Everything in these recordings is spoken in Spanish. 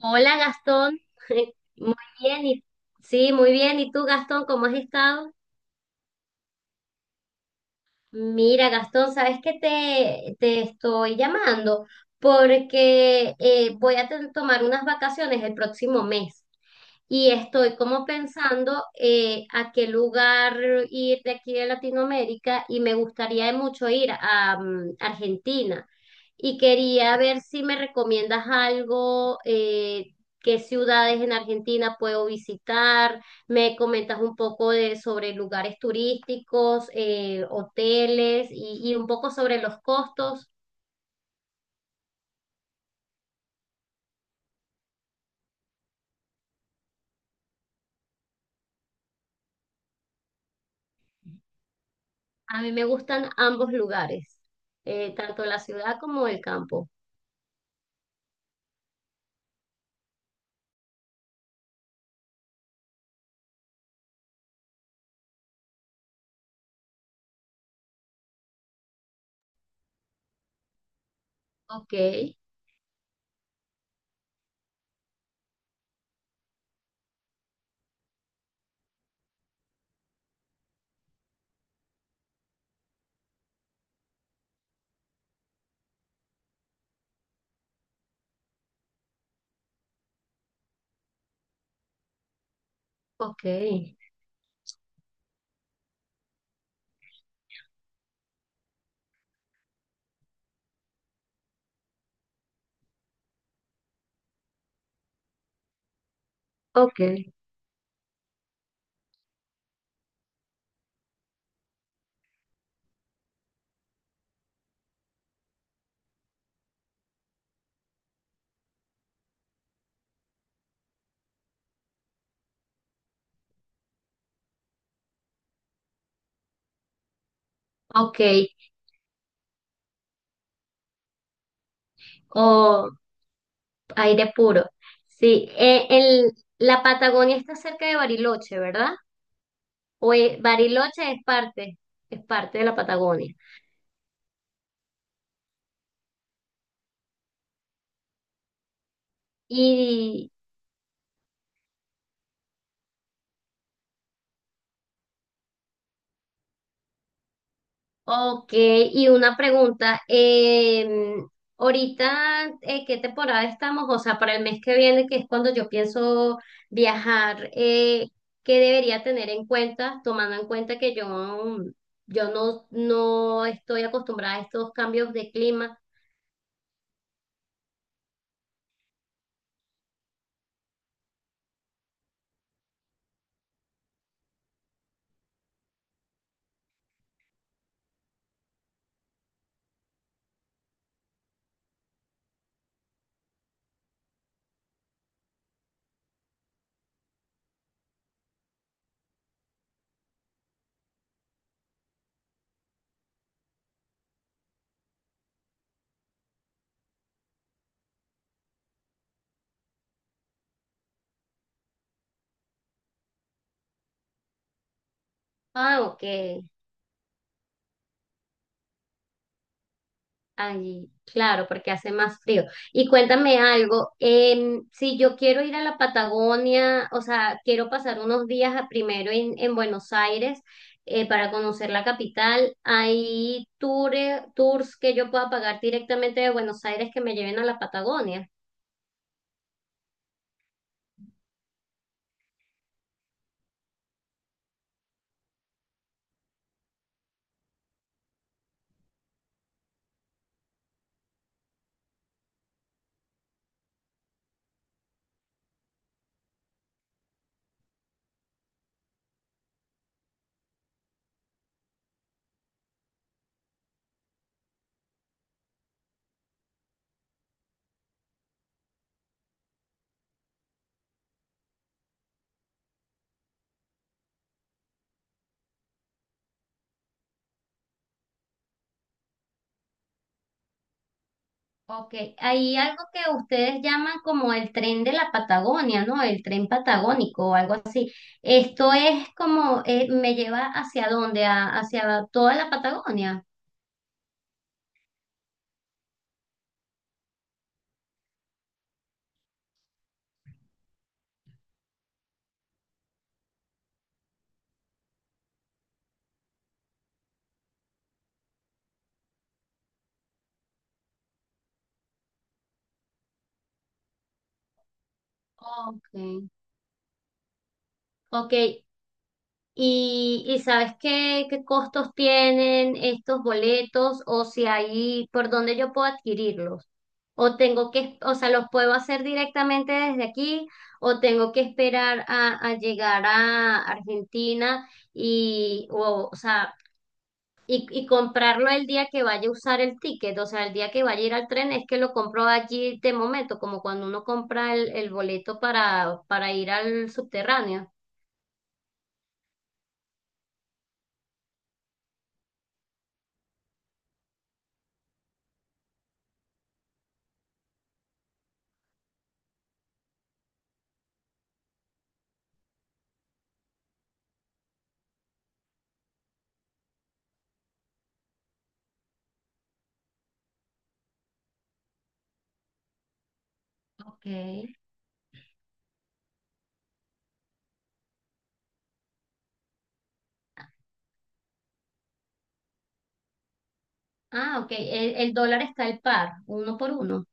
Hola Gastón, muy bien, sí, muy bien. ¿Y tú, Gastón, cómo has estado? Mira, Gastón, ¿sabes qué te estoy llamando? Porque voy a tomar unas vacaciones el próximo mes y estoy como pensando, a qué lugar ir de aquí de Latinoamérica, y me gustaría mucho ir a Argentina, y quería ver si me recomiendas algo. ¿Qué ciudades en Argentina puedo visitar? Me comentas un poco sobre lugares turísticos, hoteles y un poco sobre los costos. A mí me gustan ambos lugares, tanto la ciudad como el campo. Ok, ok, ok, ok. O aire puro. Sí, la Patagonia está cerca de Bariloche, ¿verdad? O Bariloche es es parte de la Patagonia. Y ok, y una pregunta, ahorita, ¿qué temporada estamos? O sea, para el mes que viene, que es cuando yo pienso viajar, ¿qué debería tener en cuenta, tomando en cuenta que yo, yo no estoy acostumbrada a estos cambios de clima? Ah, ok. Allí, claro, porque hace más frío. Y cuéntame algo, si yo quiero ir a la Patagonia, o sea, quiero pasar unos días primero en Buenos Aires, para conocer la capital. ¿Hay tours que yo pueda pagar directamente de Buenos Aires que me lleven a la Patagonia? Ok, hay algo que ustedes llaman como el tren de la Patagonia, ¿no? El tren patagónico o algo así. Esto es como, ¿me lleva hacia dónde? Hacia toda la Patagonia? Okay, okay. Y sabes qué costos tienen estos boletos o si hay por dónde yo puedo adquirirlos? ¿O tengo que, o sea, los puedo hacer directamente desde aquí o tengo que esperar a llegar a Argentina o sea, y comprarlo el día que vaya a usar el ticket? O sea, el día que vaya a ir al tren es que lo compro allí de momento, como cuando uno compra el boleto para ir al subterráneo. Ok. Ah, ok. El dólar está al par, uno por uno.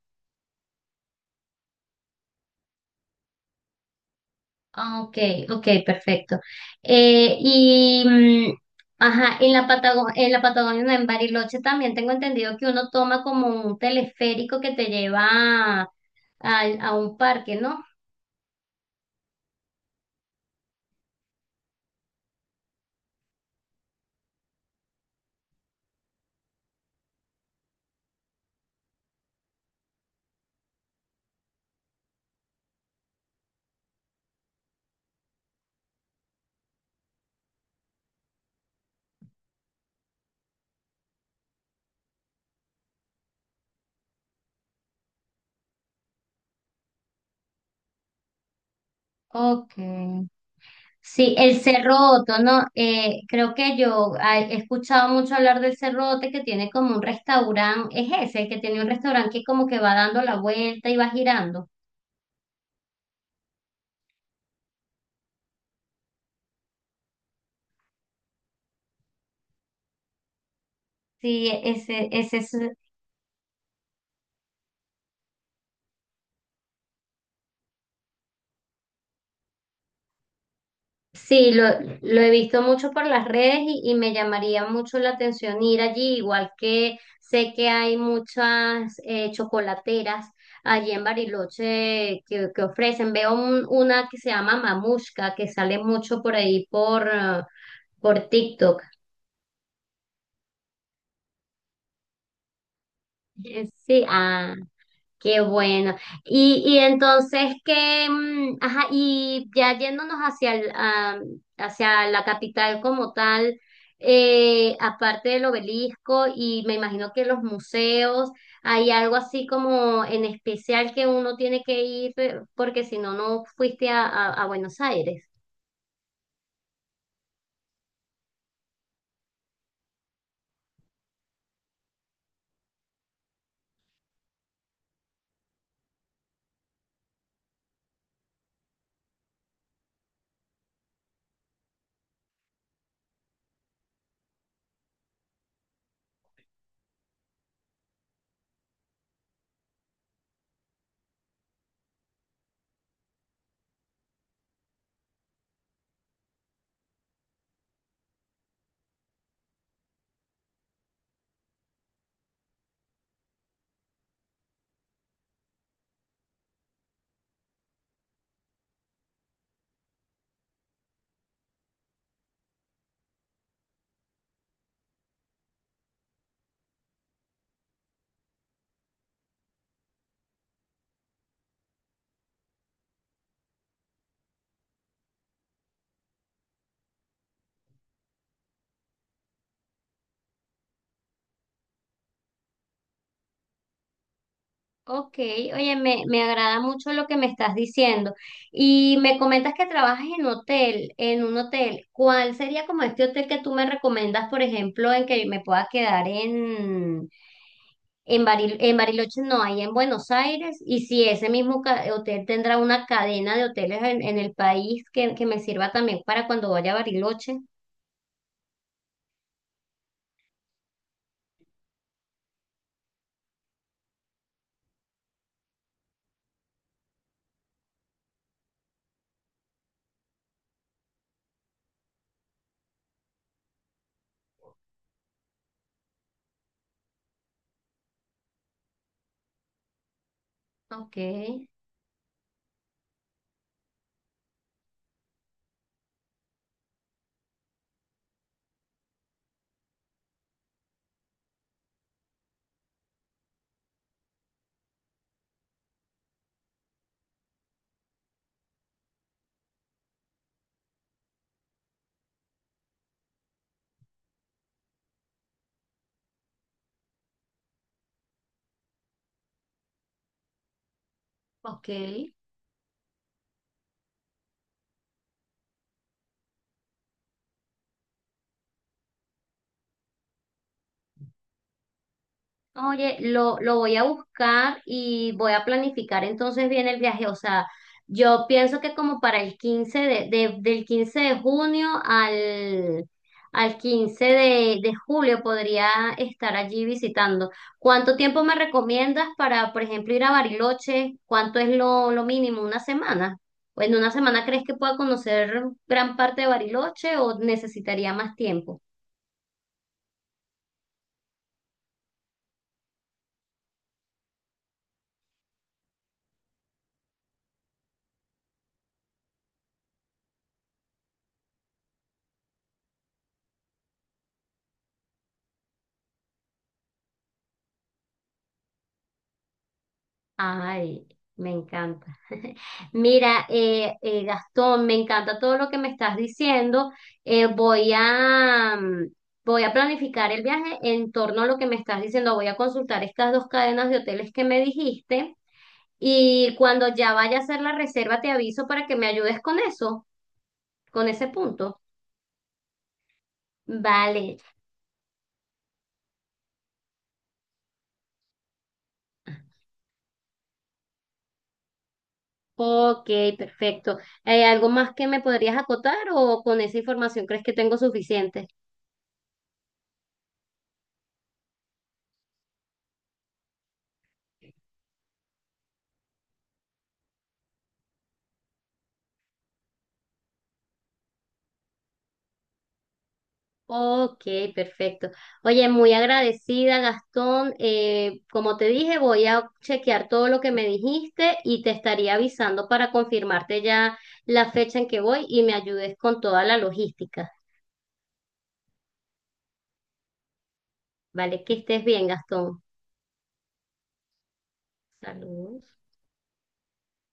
Ah, ok, ok, perfecto. Eh, y, mm, ajá, en la en la Patagonia, no, en Bariloche también tengo entendido que uno toma como un teleférico que te lleva a un parque, ¿no? Ok. Sí, el Cerroto, ¿no? Creo que yo, he escuchado mucho hablar del Cerrote, que tiene como un restaurante. Es ese, el que tiene un restaurante que como que va dando la vuelta y va girando. Sí, ese es, sí, lo he visto mucho por las redes, y me llamaría mucho la atención ir allí, igual que sé que hay muchas, chocolateras allí en Bariloche que ofrecen. Veo una que se llama Mamushka, que sale mucho por ahí por TikTok. Sí, ah, qué bueno. Y entonces que, ajá, y ya yéndonos hacia el, hacia la capital como tal, aparte del obelisco y me imagino que los museos, hay algo así como en especial que uno tiene que ir, porque si no, no fuiste a Buenos Aires. Ok, oye, me agrada mucho lo que me estás diciendo. Y me comentas que trabajas en hotel, en un hotel. ¿Cuál sería como este hotel que tú me recomiendas, por ejemplo, en que me pueda quedar en en Bariloche, no, ahí en Buenos Aires? Y si ese mismo hotel tendrá una cadena de hoteles en el país que me sirva también para cuando vaya a Bariloche. Ok, ok. Oye, lo voy a buscar y voy a planificar entonces bien el viaje. O sea, yo pienso que como para el 15 de- del 15 de junio al 15 de julio podría estar allí visitando. ¿Cuánto tiempo me recomiendas para, por ejemplo, ir a Bariloche? ¿Cuánto es lo mínimo? ¿Una semana? ¿O en una semana crees que pueda conocer gran parte de Bariloche o necesitaría más tiempo? Ay, me encanta. Mira, Gastón, me encanta todo lo que me estás diciendo. Voy a, voy a planificar el viaje en torno a lo que me estás diciendo. Voy a consultar estas dos cadenas de hoteles que me dijiste y cuando ya vaya a hacer la reserva te aviso para que me ayudes con eso, con ese punto. Vale, ok, perfecto. ¿Hay algo más que me podrías acotar o con esa información crees que tengo suficiente? Ok, perfecto. Oye, muy agradecida, Gastón. Como te dije, voy a chequear todo lo que me dijiste y te estaría avisando para confirmarte ya la fecha en que voy y me ayudes con toda la logística. Vale, que estés bien, Gastón. Saludos.